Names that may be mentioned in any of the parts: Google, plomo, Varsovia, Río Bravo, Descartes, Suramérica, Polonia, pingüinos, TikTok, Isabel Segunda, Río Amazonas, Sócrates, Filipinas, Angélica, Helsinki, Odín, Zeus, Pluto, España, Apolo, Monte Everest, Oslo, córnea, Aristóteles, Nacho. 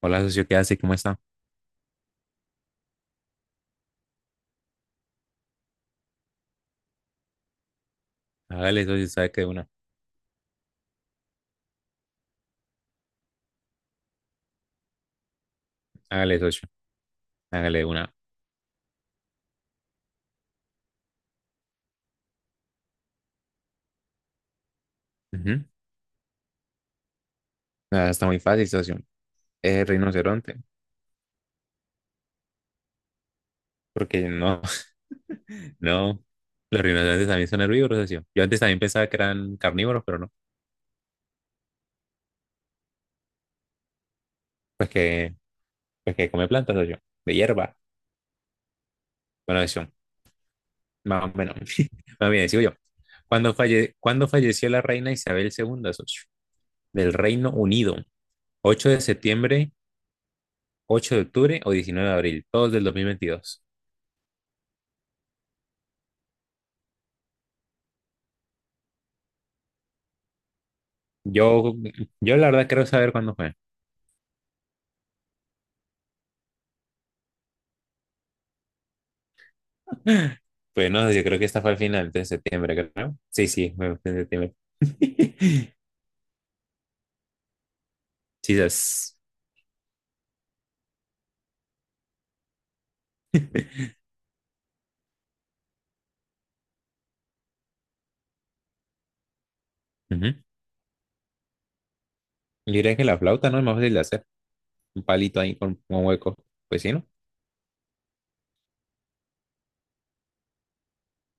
Hola, socio, ¿qué hace? ¿Cómo está? Hágale, socio, sabe que de una. Hágale, socio, hágale de una. Ujú. Nada, está muy fácil, socio. Es el rinoceronte. Porque no, no. Los rinocerontes también son herbívoros, socio. Yo antes también pensaba que eran carnívoros, pero no. Pues que, pues que come plantas, socio. De hierba. Bueno, socio, más o menos. Más bien, sigo yo. ¿Cuándo falleció la reina Isabel II, socio? Del Reino Unido. ¿8 de septiembre, 8 de octubre o 19 de abril? Todos del 2022. Yo, yo la verdad quiero saber cuándo fue. Pues no, yo creo que esta fue al final de septiembre, creo. Sí, sí, fue en septiembre. Quizás. Ujú. Yo diría que la flauta no es más fácil de hacer. Un palito ahí con un hueco. Pues sí, ¿no?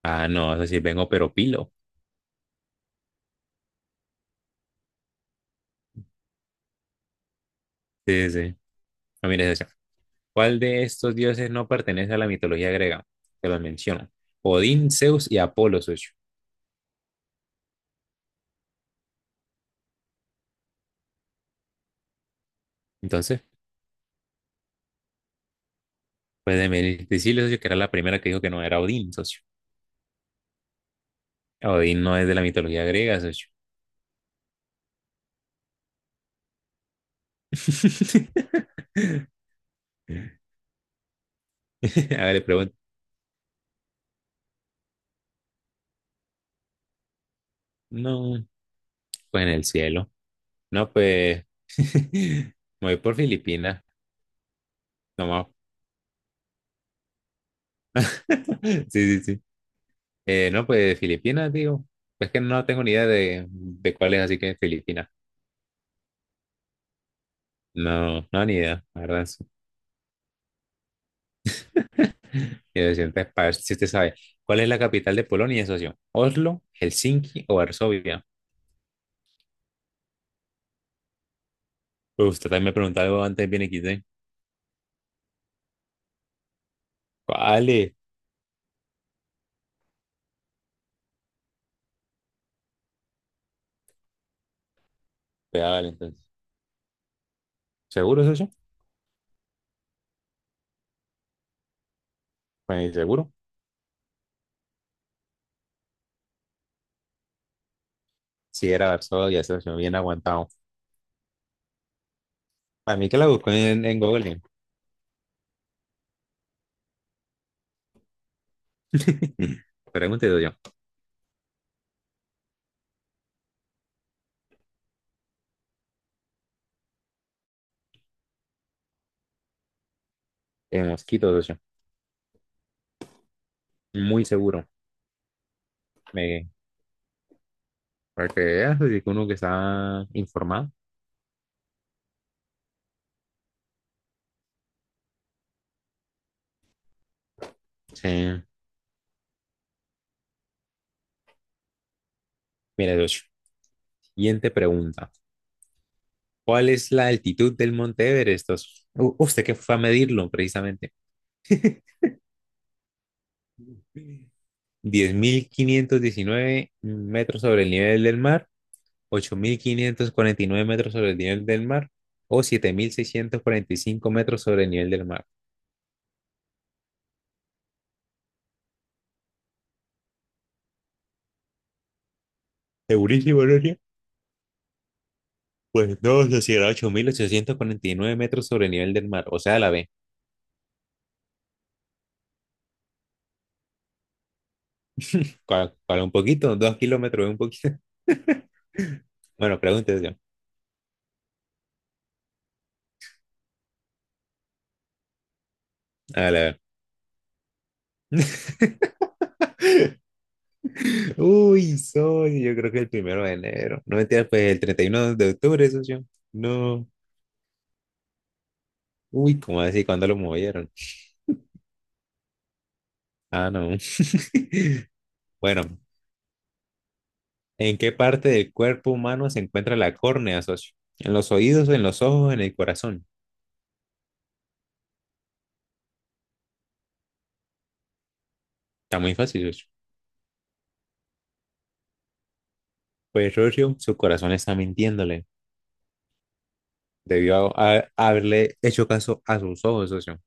Ah, no, es decir, vengo pero pilo. Sí, sí, sí. Ah, mira esa. ¿Cuál de estos dioses no pertenece a la mitología griega? Te los menciono. Odín, Zeus y Apolo, socio. Entonces, pues de decirle, socio, que era la primera que dijo que no era Odín, socio. Odín no es de la mitología griega, socio. A ver, le pregunto. No, pues en el cielo. No, pues, me voy por Filipinas. No más. Sí, sí, sí. No, pues Filipinas, digo. Pues que no tengo ni idea de cuál es, así que Filipinas. No, no, ni idea. La verdad, sí. Y de siempre, para ver si usted sabe. ¿Cuál es la capital de Polonia, socio? ¿Oslo, Helsinki o Varsovia? Pues usted también me preguntó algo antes bien XD. Vale, pues vale, entonces. ¿Seguro, socio? Pues seguro. Sí, era Varsovia, ya se me bien aguantado. Para mí que la busco en Google. Pregunte, yo. En mosquito, yo. Muy seguro. Me, para que veas, así que uno que está informado. Sí. Mira, Docho. Siguiente pregunta. ¿Cuál es la altitud del Monte Everest, socio? Usted que fue a medirlo, precisamente. 10.519 metros sobre el nivel del mar, 8.549 metros sobre el nivel del mar o 7.645 metros sobre el nivel del mar. Segurísimo, Noria. Pues no, sociedad 8.849 metros sobre el nivel del mar. O sea, a la vez. Para un poquito, 2 kilómetros, un poquito. Bueno, pregúntese. A la vez. Yo creo que el 1 de enero. No mentira, pues el 31 de octubre, socio. No. Uy, ¿cómo así? ¿Cuándo lo movieron? Ah, no. Bueno, ¿en qué parte del cuerpo humano se encuentra la córnea, socio? ¿En los oídos, en los ojos, en el corazón? Está muy fácil, socio. Pues, socio, su corazón está mintiéndole. Debió haberle hecho caso a sus ojos, socio.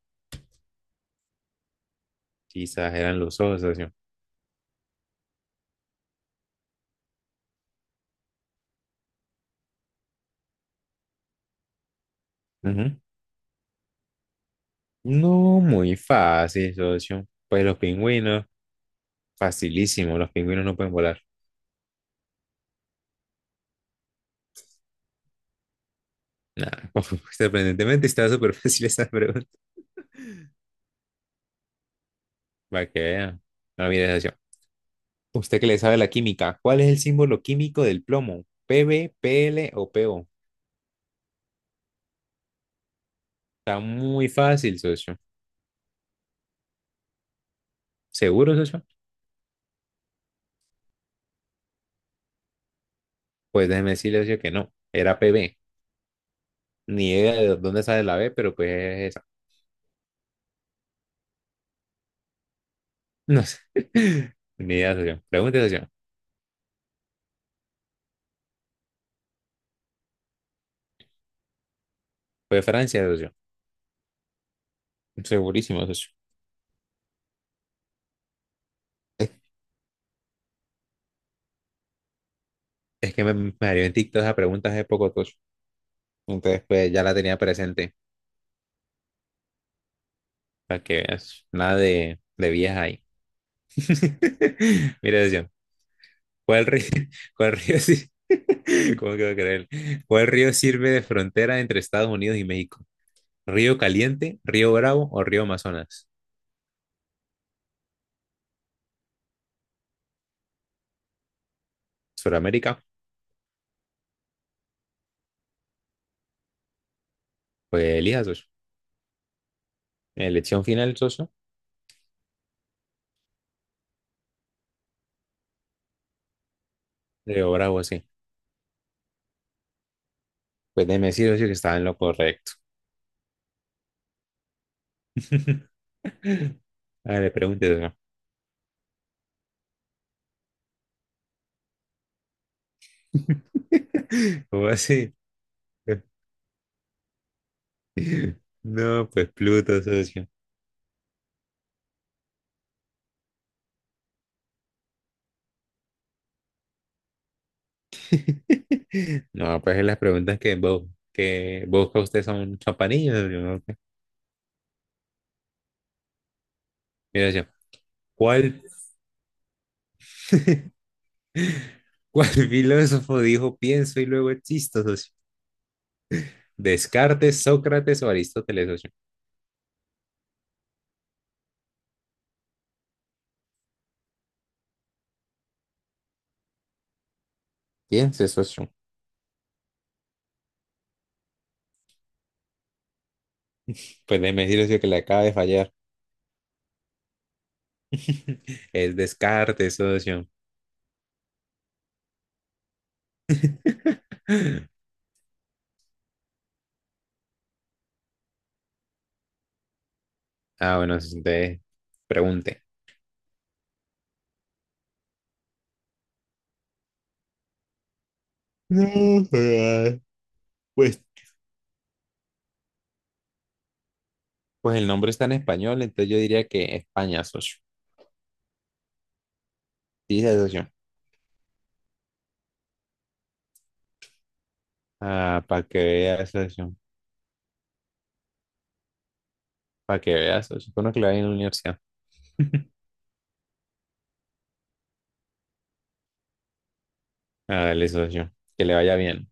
Quizás eran los ojos, socio. Ujú. No, muy fácil, socio. Pues los pingüinos, facilísimo. Los pingüinos no pueden volar. Nada, sorprendentemente estaba súper fácil esa pregunta. Para que vean. No, mire, socio. Usted que le sabe la química, ¿cuál es el símbolo químico del plomo? ¿PB, PL o PO? Está muy fácil, socio. ¿Seguro, socio? Pues déjeme decirle, socio, que no. Era PB. Ni idea de dónde sale la B, pero pues no sé. Ni idea, socio. Pregunta, socio. Fue de Francia, socio. Segurísimo, socio. Es, es que me salió en TikTok esa pregunta hace poco, socio. Entonces, pues ya la tenía presente. Para que veas. Nada de viejas ahí. Mira, socio. ¿Cuál río, ¿Cuál río sí? ¿Cómo que va a creer? ¿Cuál río sirve de frontera entre Estados Unidos y México? ¿Río Caliente, Río Bravo o Río Amazonas? ¿Suramérica? Pues elija, socio. Elección final, socio. Río Bravo, sí. Pues déjeme decir que estaba en lo correcto. A ver, pregúntese. ¿Cómo así? No, pues Pluto, socio. No, pues las preguntas que vos, que busca usted son chapanillas, ¿no? Ok. Mira, yo, ¿cuál, ¿Cuál filósofo dijo pienso y luego existo, socio? ¿Descartes, Sócrates o Aristóteles, socio? Piense, socio. Pues déjeme decir, socio, que le acaba de fallar. Es Descartes, socio. Ah, bueno, entonces pregunte. No, joder. pues Pues el nombre está en español, entonces yo diría que España, socio. Dice socio. Ah, para que vea, socio. Para que vea, socio. Uno que le vaya en la universidad. Ah, dale, socio. Que le vaya bien.